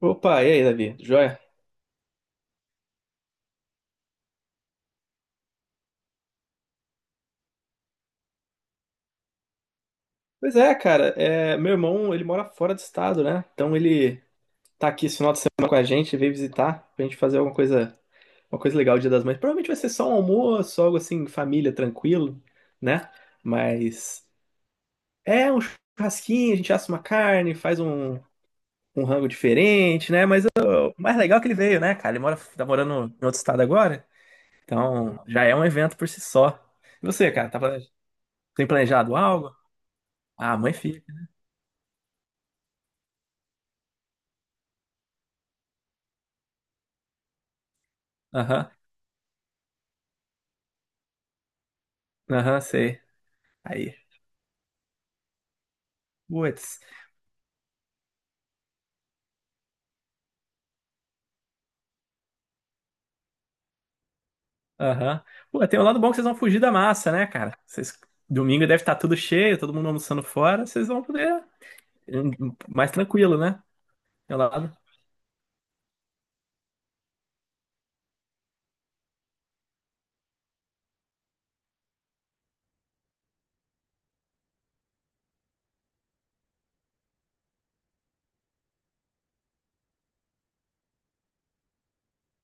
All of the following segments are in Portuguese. Opa, e aí, Davi? Joia? Pois é, cara, meu irmão, ele mora fora do estado, né? Então ele tá aqui esse final de semana com a gente, veio visitar pra gente fazer alguma coisa, uma coisa legal, o Dia das Mães. Provavelmente vai ser só um almoço, algo assim, família, tranquilo, né? Mas é um churrasquinho, a gente assa uma carne, faz um rango diferente, né? Mas ó, o mais legal é que ele veio, né, cara? Tá morando em outro estado agora, então já é um evento por si só. E você, cara, tem planejado algo? Ah, mãe e filho. Aham. Aham, sei. Aí. Putz. Aham. Pô, tem um lado bom que vocês vão fugir da massa, né, cara? Vocês... Domingo deve estar tudo cheio, todo mundo almoçando fora. Vocês vão poder. Mais tranquilo, né? Tem um lado.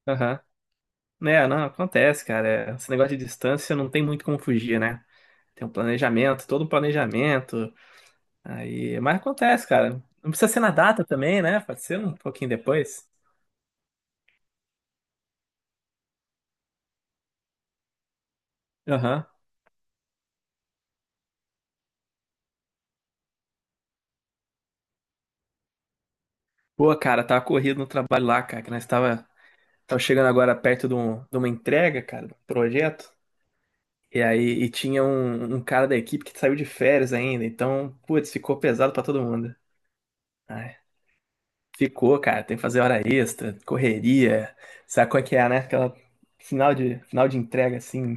Aham. Né, não, acontece, cara. É, esse negócio de distância não tem muito como fugir, né? Todo um planejamento. Aí. Mas acontece, cara. Não precisa ser na data também, né? Pode ser um pouquinho depois. Aham. Pô, cara, tava corrido no trabalho lá, cara, que nós tava. Tava chegando agora perto de, de uma entrega, cara, de um projeto. E aí, e tinha um cara da equipe que saiu de férias ainda. Então, putz, ficou pesado pra todo mundo. Ai, ficou, cara. Tem que fazer hora extra, correria. Sabe qual é que é, né? Aquela final de entrega, assim.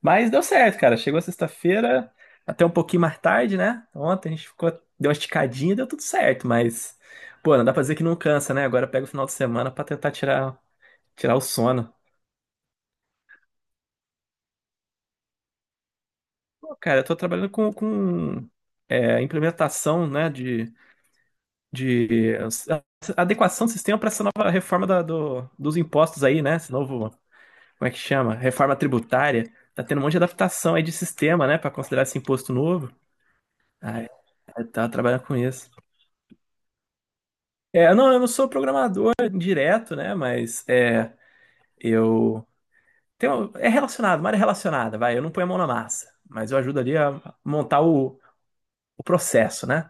Mas deu certo, cara. Chegou sexta-feira, até um pouquinho mais tarde, né? Ontem a gente ficou, deu uma esticadinha, deu tudo certo. Mas, pô, não dá pra dizer que não cansa, né? Agora pega o final de semana pra tentar tirar o sono. Pô, cara, eu tô trabalhando com implementação, né, de adequação do sistema para essa nova reforma do, dos impostos aí, né? Esse novo, como é que chama? Reforma tributária. Tá tendo um monte de adaptação aí de sistema, né, para considerar esse imposto novo. Aí, aí tá trabalhando com isso. É, não, eu não sou programador direto, né, mas é, eu tenho, é relacionado, uma área relacionada, vai. Eu não ponho a mão na massa, mas eu ajudo ali a montar o processo, né?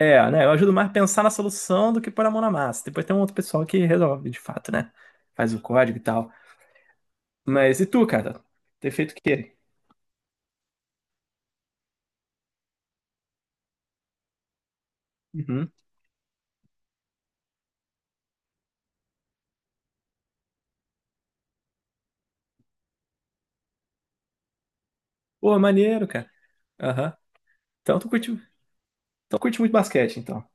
É, né? Eu ajudo mais a pensar na solução do que pôr a mão na massa. Depois tem um outro pessoal que resolve, de fato, né? Faz o código e tal. Mas e tu, cara? Ter feito o quê? Uhum. Pô, maneiro, cara. Aham. Então tu curte, então curte muito basquete, então.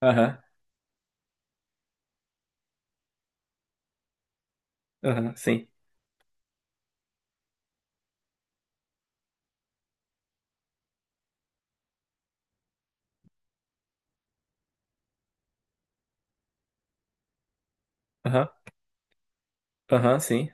Aham, aham, sim. Aham, aham, sim.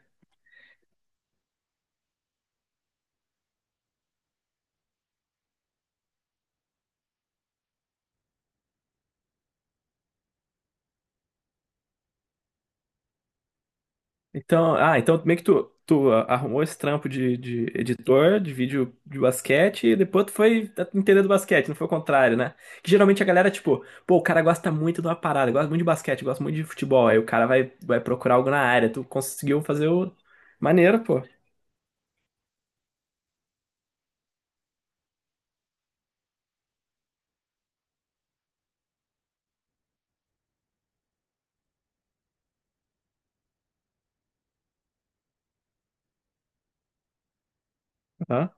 Então, então meio que tu arrumou esse trampo de editor de vídeo de basquete e depois tu foi entender do basquete, não foi o contrário, né? Que geralmente a galera, tipo, pô, o cara gosta muito de uma parada, gosta muito de basquete, gosta muito de futebol, aí o cara vai procurar algo na área, tu conseguiu fazer o... Maneiro, pô. Aham,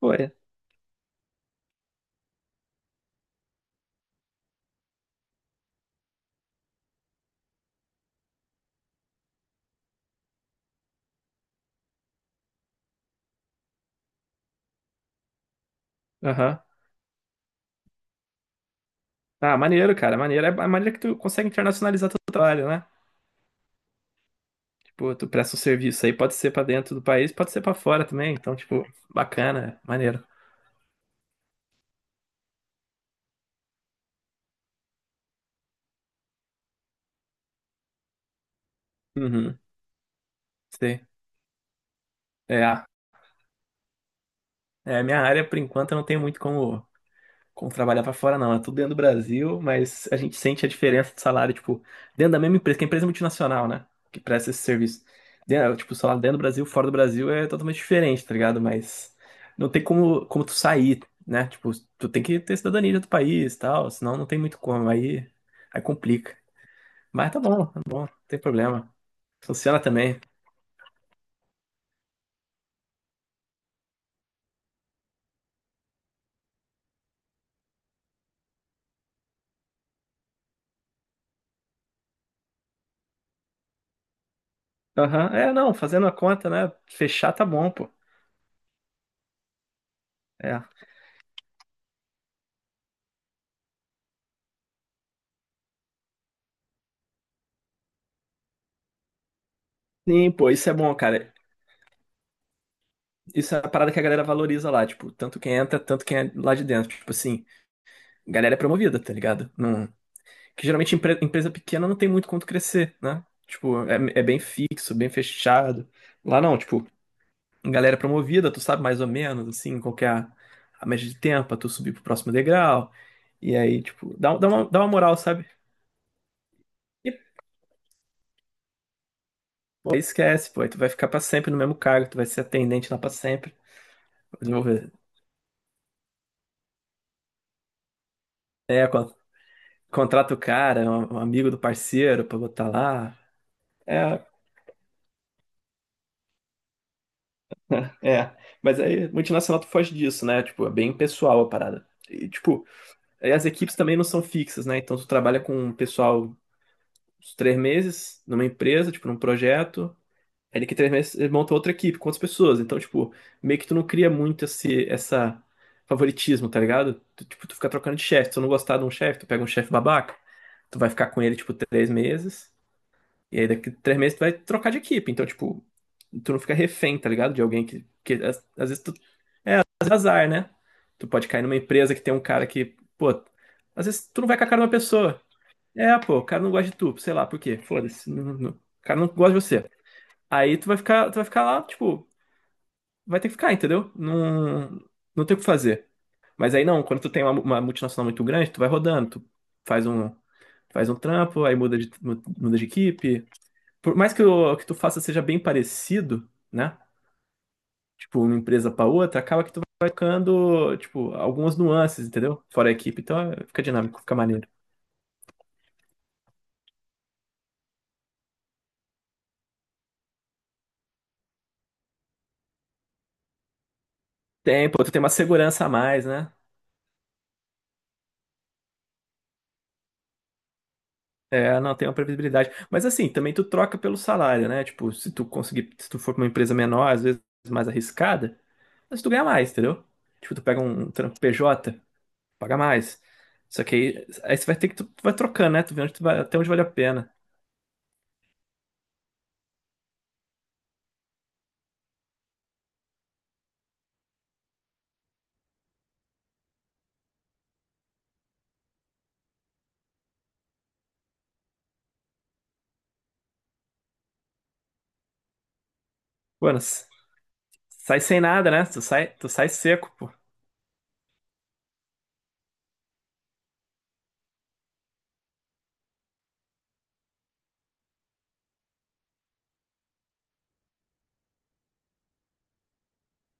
foi. Aham. Ah, maneiro, cara, maneiro. É a maneira que tu consegue internacionalizar teu trabalho, né? Tipo, tu presta um serviço aí, pode ser pra dentro do país, pode ser pra fora também, então, tipo, bacana, maneiro. Uhum, sei. É, ah, É, minha área, por enquanto, eu não tenho muito como, como trabalhar pra fora, não. É tudo dentro do Brasil, mas a gente sente a diferença de salário, tipo, dentro da mesma empresa, que é empresa multinacional, né? Que presta esse serviço. Dentro, é, tipo, o salário dentro do Brasil, fora do Brasil é totalmente diferente, tá ligado? Mas não tem como, como tu sair, né? Tipo, tu tem que ter cidadania de outro país e tal, senão não tem muito como. Aí, aí complica. Mas tá bom, não tem problema. Funciona também. Aham, é, não, fazendo a conta, né? Fechar tá bom, pô. É. Sim, pô, isso é bom, cara. Isso é a parada que a galera valoriza lá, tipo, tanto quem entra, tanto quem é lá de dentro. Tipo assim, galera é promovida, tá ligado? Não... Que geralmente empresa pequena não tem muito quanto crescer, né? Tipo, é bem fixo, bem fechado. Lá não, tipo, galera é promovida, tu sabe mais ou menos, assim, qual que é a média de tempo pra tu subir pro próximo degrau. E aí, tipo, dá uma moral, sabe? E, pô, aí esquece, pô, aí tu vai ficar pra sempre no mesmo cargo, tu vai ser atendente lá pra sempre. Desenvolver. É, contrata o cara, é um amigo do parceiro pra botar lá. É, é. Mas aí, multinacional tu foge disso, né? Tipo, é bem pessoal a parada. E, tipo, aí as equipes também não são fixas, né? Então tu trabalha com um pessoal uns três meses numa empresa, tipo, num projeto. Aí daqui três meses ele monta outra equipe com outras pessoas. Então, tipo, meio que tu não cria muito essa favoritismo, tá ligado? Tu, tipo, tu fica trocando de chefe. Se tu não gostar de um chefe, tu pega um chefe babaca, tu vai ficar com ele, tipo, três meses. E aí daqui três meses tu vai trocar de equipe. Então, tipo, tu não fica refém, tá ligado? De alguém que às vezes. Mas é azar, né? Tu pode cair numa empresa que tem um cara que, pô, às vezes tu não vai com a cara de uma pessoa. É, pô, o cara não gosta de tu, sei lá, por quê? Foda-se. O cara não gosta de você. Aí tu vai ficar lá, tipo, vai ter que ficar, entendeu? Não, não tem o que fazer. Mas aí não, quando tu tem uma multinacional muito grande, tu vai rodando, tu faz um, faz um trampo, aí muda de equipe. Por mais que o que tu faça seja bem parecido, né? Tipo, uma empresa para outra, acaba que tu vai tocando, tipo, algumas nuances, entendeu? Fora a equipe, então é, fica dinâmico, fica maneiro. Tem, pô, tu tem uma segurança a mais, né? É, não tem uma previsibilidade. Mas assim, também tu troca pelo salário, né? Tipo, se tu conseguir, se tu for pra uma empresa menor, às vezes mais arriscada, mas tu ganha mais, entendeu? Tipo, tu pega um trampo PJ, paga mais. Só que aí você vai ter tu vai trocando, né? Tu vê onde tu vai, até onde vale a pena. Mano, sai sem nada, né? Tu sai seco, pô.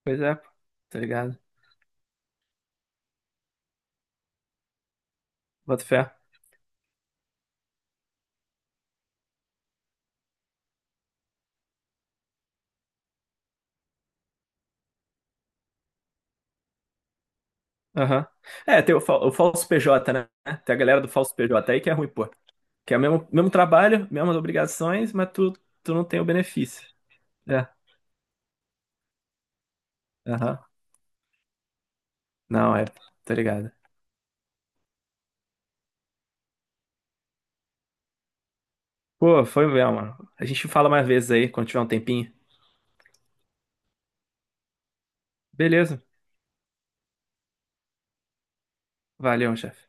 Pois é, pô. Tá ligado? Bota fé. Aham. É, o falso PJ, né? Tem a galera do falso PJ aí que é ruim, pô. Que é o mesmo trabalho, mesmas obrigações, mas tu não tem o benefício. É. Aham. Não, é. Tá ligado. Pô, foi mesmo, mano. A gente fala mais vezes aí, quando tiver um tempinho. Beleza. Valeu, chefe.